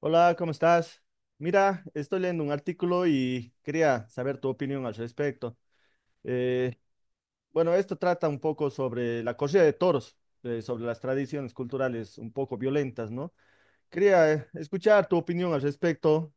Hola, ¿cómo estás? Mira, estoy leyendo un artículo y quería saber tu opinión al respecto. Eh, bueno, esto trata un poco sobre la corrida de toros, sobre las tradiciones culturales un poco violentas, ¿no? Quería escuchar tu opinión al respecto.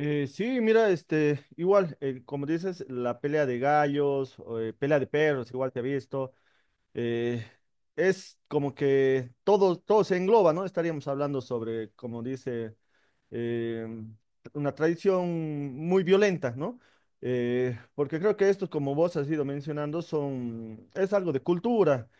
Sí, mira, este, igual, como dices, la pelea de gallos, o, pelea de perros, igual te he visto, eh, es como que todo se engloba, ¿no? Estaríamos hablando sobre, como dice eh, una tradición muy violenta, ¿no? Porque creo que estos, como vos has ido mencionando, son, es algo de cultura,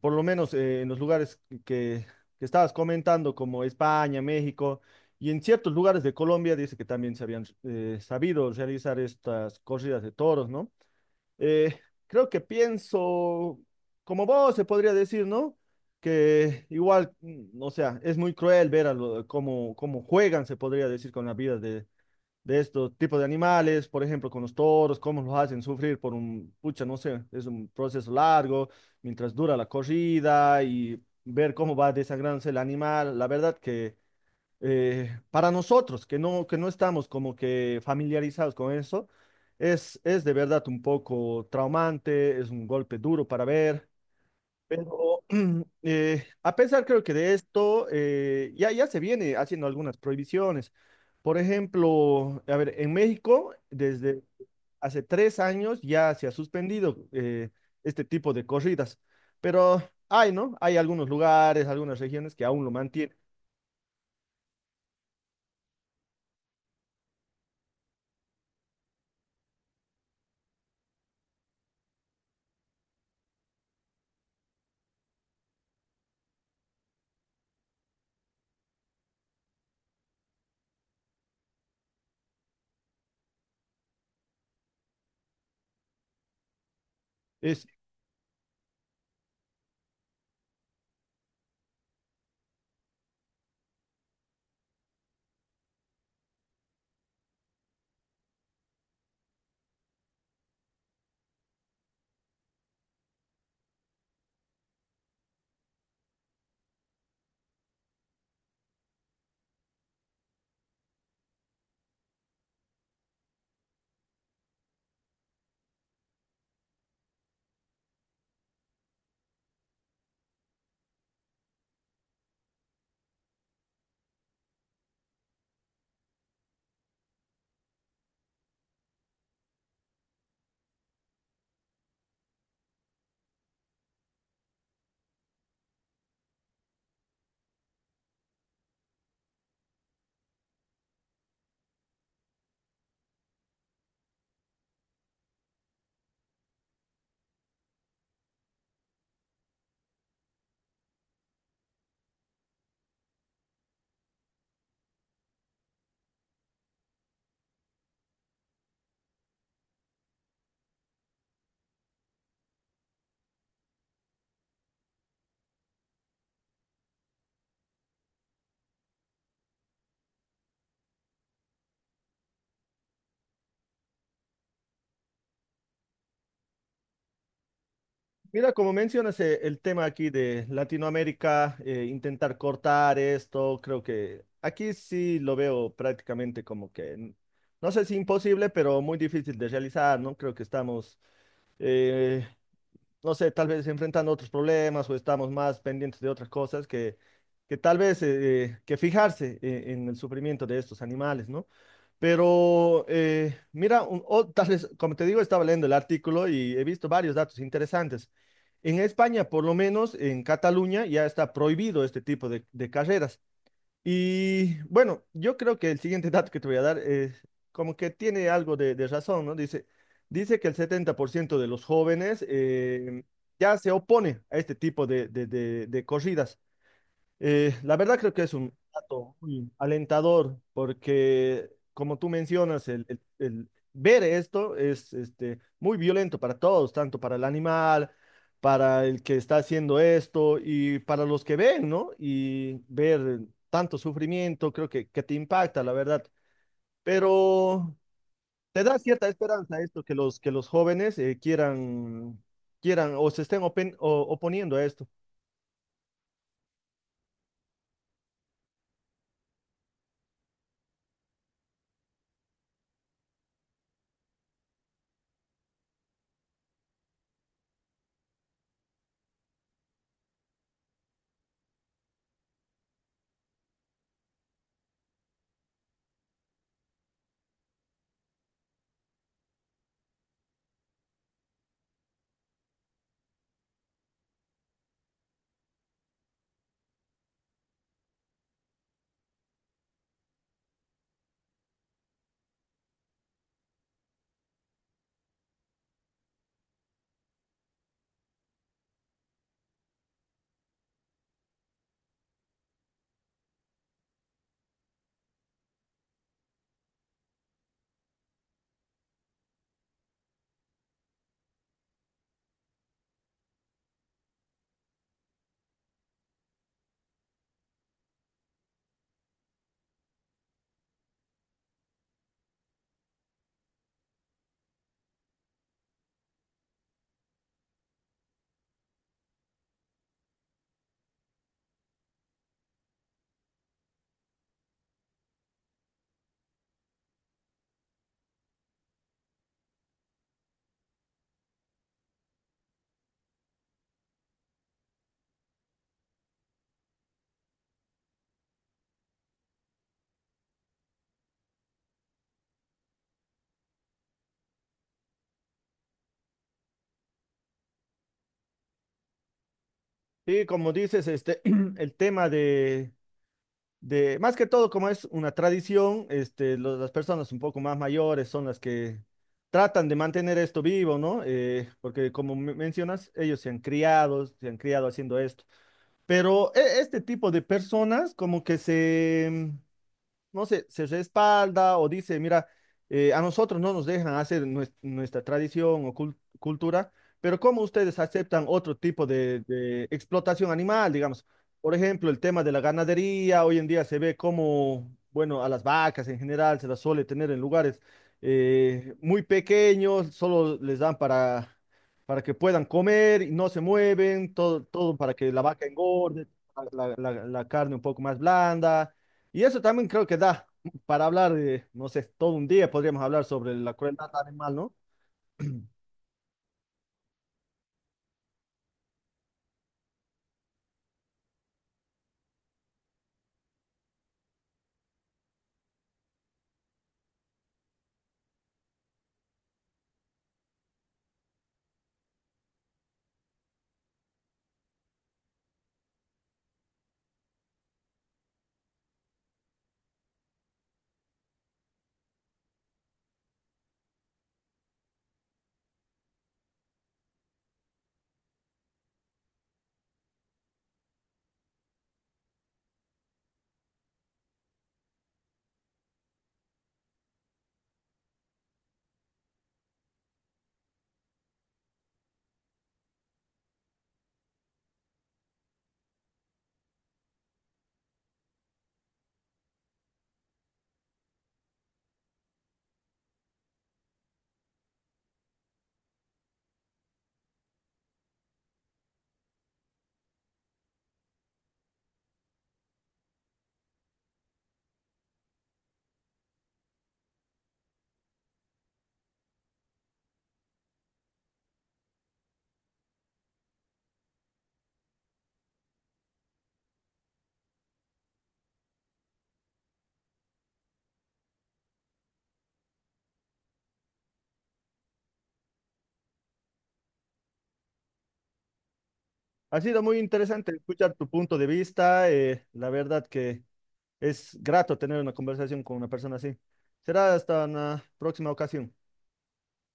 por lo menos en los lugares que, que estabas comentando, como España, México, y en ciertos lugares de Colombia, dice que también se habían sabido realizar estas corridas de toros, ¿no? Eh, Creo que pienso, como vos se podría decir, ¿no? Que igual, o sea, es muy cruel ver a lo- cómo juegan, se podría decir, con la vida de estos tipos de animales, por ejemplo, con los toros, cómo los hacen sufrir por un, pucha, no sé, es un proceso largo, mientras dura la corrida y ver cómo va desangrándose el animal. La verdad que para nosotros que no estamos como que familiarizados con eso, es de verdad un poco traumante, es un golpe duro para ver, pero a pesar creo que de esto ya se viene haciendo algunas prohibiciones. Por ejemplo, a ver, en México desde hace 3 años ya se ha suspendido, este tipo de corridas, pero hay, ¿no? Hay algunos lugares, algunas regiones que aún lo mantienen. Es. Mira, como mencionas, el tema aquí de Latinoamérica, intentar cortar esto, creo que aquí sí lo veo prácticamente como que, n- no sé si imposible, pero muy difícil de realizar, ¿no? Creo que estamos, eh, no sé, tal vez enfrentando otros problemas o estamos más pendientes de otras cosas que tal vez que fijarse en el sufrimiento de estos animales, ¿no? Pero mira, un- o- tal vez, como te digo, estaba leyendo el artículo y he visto varios datos interesantes. En España, por lo menos en Cataluña, ya está prohibido este tipo de carreras. Y bueno, yo creo que el siguiente dato que te voy a dar es como que tiene algo de razón, ¿no? Dice que el 70% de los jóvenes ya se opone a este tipo de corridas. La verdad creo que es un dato muy alentador porque, como tú mencionas, el ver esto es este, muy violento para todos, tanto para el animal, para el que está haciendo esto y para los que ven, ¿no? Y ver tanto sufrimiento creo que te impacta, la verdad. Pero te da cierta esperanza esto, que los jóvenes quieran, quieran o se estén open- o- oponiendo a esto. Sí, como dices, este, el tema de, más que todo, como es una tradición, este, lo- las personas un poco más mayores son las que tratan de mantener esto vivo, ¿no? Porque como me- mencionas, ellos se han criado haciendo esto. Pero e- este tipo de personas como que se, no sé, se respalda o dice, mira, a nosotros no nos dejan hacer nues- nuestra tradición o cul- cultura, pero ¿cómo ustedes aceptan otro tipo de explotación animal, digamos? Por ejemplo, el tema de la ganadería, hoy en día se ve como, bueno, a las vacas en general se las suele tener en lugares muy pequeños, solo les dan para que puedan comer y no se mueven, todo para que la vaca engorde, la la- la- la carne un poco más blanda, y eso también creo que da para hablar, no sé, todo un día podríamos hablar sobre la crueldad animal, ¿no? Ha sido muy interesante escuchar tu punto de vista. La verdad que es grato tener una conversación con una persona así. Será hasta una próxima ocasión.